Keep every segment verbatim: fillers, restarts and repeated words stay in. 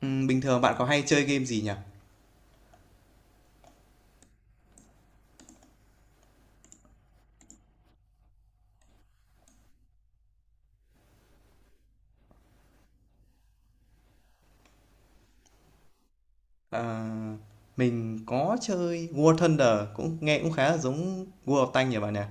Ừm, bình thường bạn có hay chơi game gì nhỉ? Ờ, mình có chơi War Thunder cũng nghe cũng khá là giống World of Tanks nhỉ bạn nhỉ?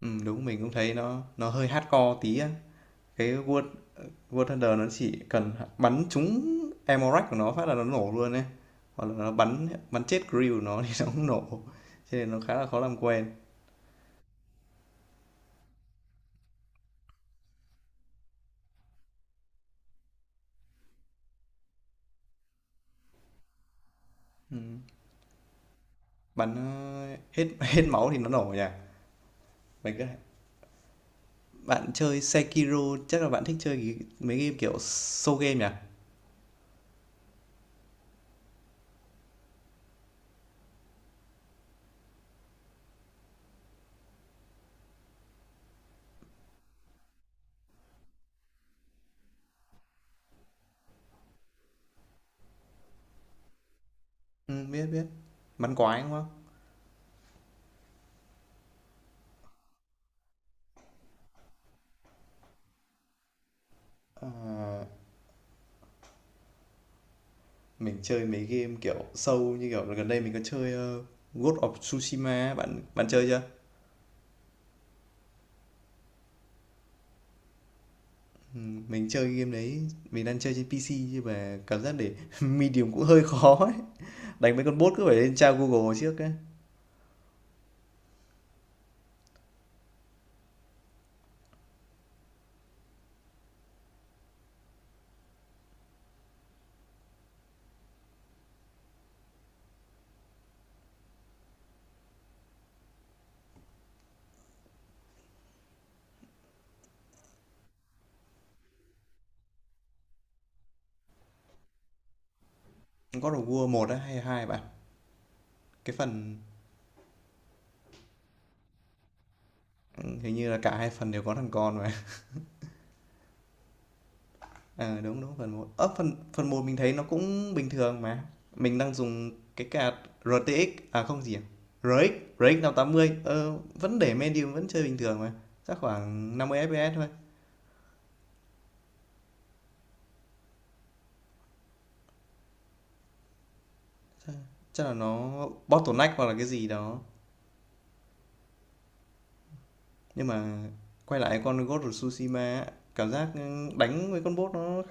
Ừm, đúng mình cũng thấy nó nó hơi hardcore tí á. Cái World War Thunder nó chỉ cần bắn trúng ammo rack của nó phát là nó nổ luôn ấy. Hoặc là nó bắn bắn chết crew của nó thì nó cũng nổ. Cho nên nó khá là khó làm quen. Bắn ờ, hết hết máu thì nó nổ nhỉ. Mình cứ bạn chơi Sekiro chắc là bạn thích chơi cái- mấy game kiểu soul game nhỉ? Ừm, biết, biết. Bắn quái, đúng không? Mình chơi mấy game, kiểu, sâu như kiểu là gần đây mình có chơi, ơ, Ghost of Tsushima á, bạn bạn chơi chưa? Ừm, mình chơi game đấy, mình đang chơi trên PC nhưng mà cảm giác để medium cũng hơi khó ấy. Đánh mấy con boss cứ phải lên tra Google trước ấy. God of War một á hay hai bạn? Cái phần ừm, hình như là cả hai phần đều có thằng con mà. Ờ, đúng, đúng, phần một. Ơ, phần phần một mình thấy nó cũng bình thường mà. Mình đang dùng cái card rờ tê ích à không gì à? rờ ích rờ ích năm trăm tám mươi. Ờ, vẫn để medium vẫn chơi bình thường mà. Chắc khoảng năm mươi ép pê ét thôi. Chắc là nó bottleneck hoặc là cái gì đó. Nhưng mà quay lại con Ghost of Tsushima á, cảm giác ừ, đánh với con bot nó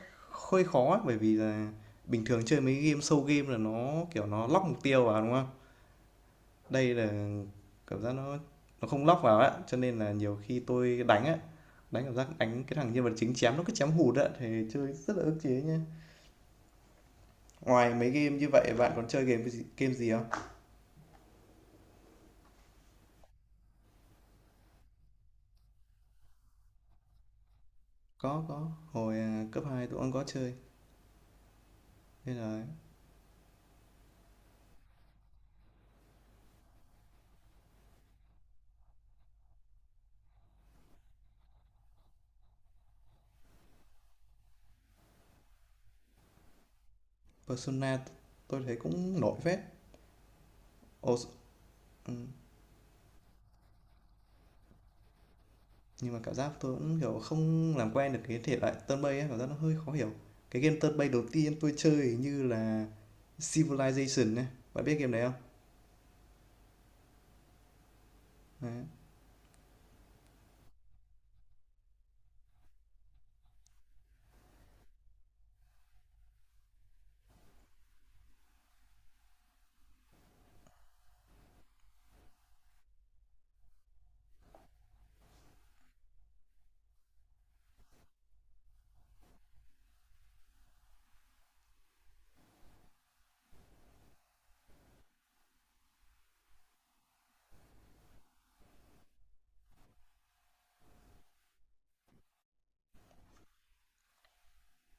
hơi khó á, bởi vì là bình thường chơi mấy game show game là nó kiểu nó lock mục tiêu vào đúng không? Đây là cảm giác nó nó không lock vào á, cho nên là nhiều khi tôi đánh á, đánh cảm giác đánh cái thằng nhân vật chính chém nó cứ chém hụt á, thì chơi rất là ức chế nhá. Ngoài mấy game như vậy bạn còn chơi game gì- game gì không? Có có, hồi à, cấp hai tôi cũng có chơi. Nên là Persona tôi thấy cũng nổi phết. Ồ, ừ, nhưng mà cảm giác tôi cũng kiểu không làm quen được cái thể loại turn based ấy, cảm giác nó hơi khó hiểu. Cái game turn based đầu tiên tôi chơi hình như là Civilization này. Bạn biết game đấy không? Đấy.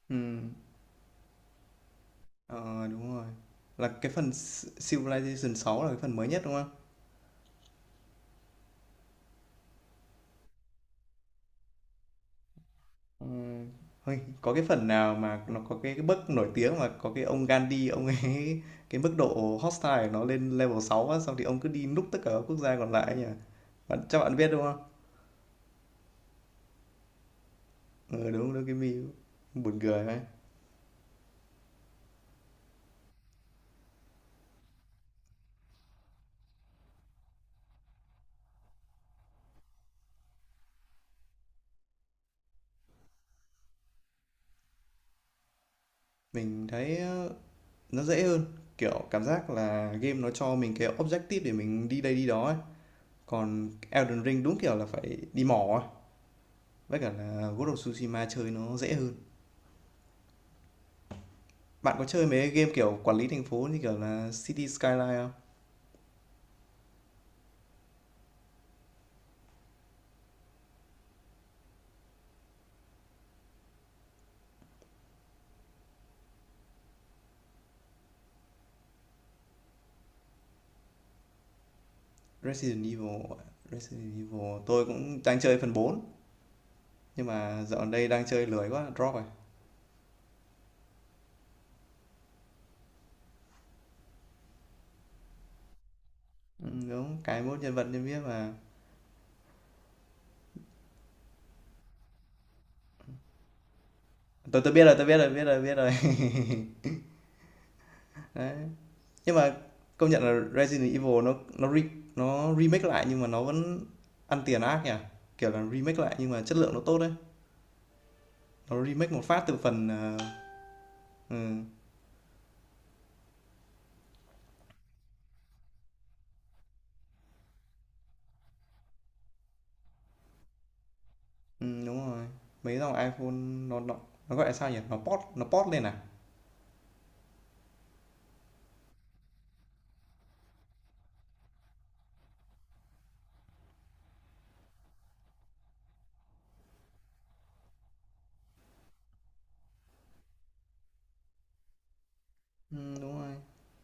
Ừm, ờ, đúng rồi. Là cái phần S Civilization sáu là cái phần mới nhất, đúng không? Ừm, Ôi, có cái phần nào mà nó có cái, cái bức nổi tiếng mà có cái ông Gandhi, ông ấy cái mức độ hostile của nó lên level sáu á, xong thì ông cứ đi núp tất cả các quốc gia còn lại ấy nhỉ? Bạn, chắc bạn biết đúng không? Ừ, đúng, đúng, cái meme buồn cười ấy. Mình thấy ờ, nó dễ hơn, kiểu cảm giác là game nó cho mình cái objective để mình đi đây đi đó ấy. Còn Elden Ring đúng kiểu là phải đi mò ấy. Với cả là Ghost of Tsushima chơi nó dễ hơn. Bạn có chơi mấy game kiểu quản lý thành phố như kiểu là City Skyline không? Resident Evil, Resident Evil tôi cũng đang chơi phần bốn nhưng mà dạo gần đây đang chơi lười quá drop rồi. Ừ, đúng cái mốt nhân vật nhân biết mà. Tôi tôi biết rồi, tôi biết rồi, biết rồi, biết rồi. Đấy. Nhưng mà công nhận là Resident Evil nó nó re, nó remake lại nhưng mà nó vẫn ăn tiền ác nhỉ? Kiểu là remake lại nhưng mà chất lượng nó tốt đấy. Nó remake một phát từ phần ờ, ừ, ừm, đúng rồi. Mấy dòng iPhone nó nó nó, gọi là sao nhỉ? Nó port nó port lên à? Ừm, đúng rồi.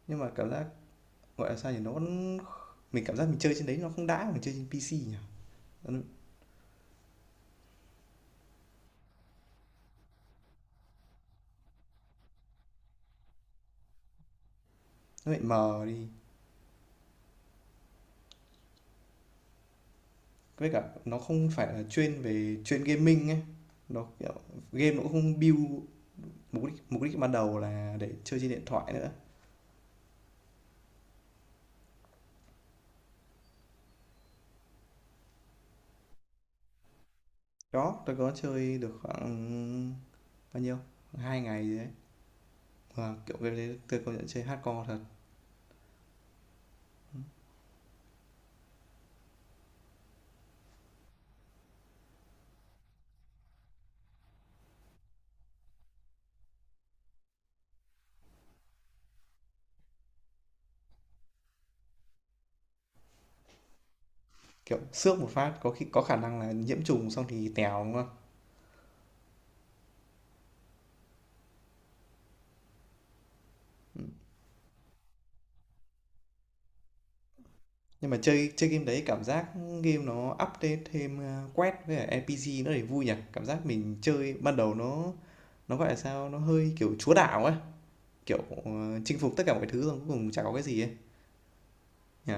Nhưng mà cảm giác gọi là sao nhỉ? Nó vẫn mình cảm giác mình chơi trên đấy nó không đã bằng chơi trên pê xê nhỉ? Nó, nó bị mờ đi. Với cả nó không phải là chuyên về chuyên gaming ấy. Nó kiểu game nó cũng không build mục đích mục đích ban đầu là để chơi trên điện thoại nữa. Đó, tôi có chơi được khoảng bao nhiêu? Hai ngày gì đấy, và kiểu game đấy tôi công nhận chơi hardcore thật. Kiểu xước một phát có khi có khả năng là nhiễm trùng xong thì tèo đúng không? Nhưng mà chơi chơi game đấy cảm giác game nó update thêm, a, quest với cả en pê xê nó để vui nhỉ? Cảm giác mình chơi ban đầu nó nó, gọi là sao, nó hơi, kiểu, chúa đảo ấy, kiểu, ờ, chinh phục tất cả mọi thứ xong cuối cùng chả có cái gì ấy, nhỉ?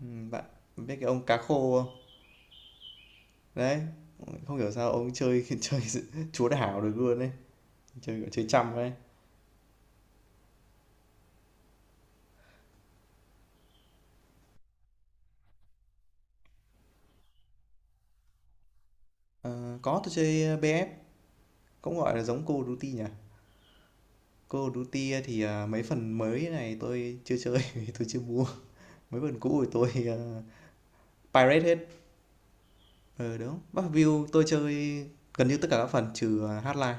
Ừm, bạn biết cái ông cá khô không? Đấy, không hiểu sao ông chơi chơi chúa đảo được luôn đấy chơi, chơi chăm ấy. Ờ, có, tôi chơi, a, bê ép cũng, gọi là, giống Call of Duty nhỉ? Call of Duty ờ, thì, à, mấy phần mới này tôi chưa chơi vì tôi chưa mua. Mấy phần cũ thì tôi, ờ, pirate hết. Ờ, đúng. Bắc View tôi chơi gần như tất cả các phần trừ, à, Hotline.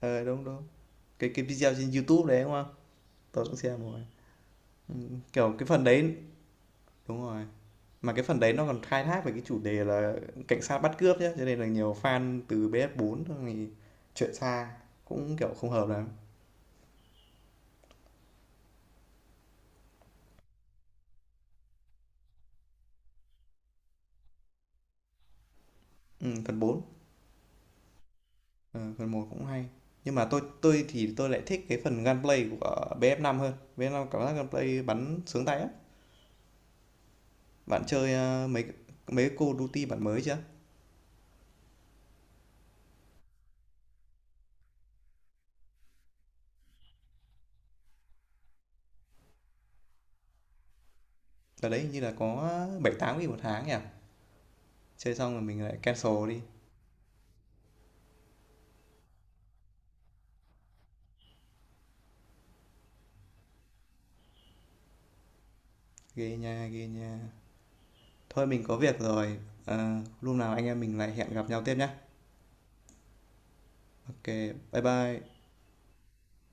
Ờ, đúng, đúng. Cái cái video trên YouTube đấy, đúng không? Tôi cũng xem rồi. Kiểu cái phần đấy đúng rồi. Mà cái phần đấy nó còn khai thác về cái chủ đề là cảnh sát bắt cướp nhá, cho nên là nhiều fan từ ps bốn thì chuyện xa cũng kiểu không hợp lắm. Ừ, phần bốn. Ờ, phần một cũng hay. Nhưng mà tôi tôi thì tôi lại thích cái phần gunplay của bf năm hơn. Bf năm cảm giác gunplay bắn sướng tay á. Bạn chơi ờ, mấy mấy cái Call of Duty bản mới chưa? Ở đấy hình như là có bảy tám nghìn một tháng nhỉ. Chơi xong rồi mình lại cancel đi. Ghê nha, ghê nha. Thôi mình có việc rồi. Ờ, lúc nào anh em mình lại hẹn gặp nhau tiếp nhá. Ok, bye bye.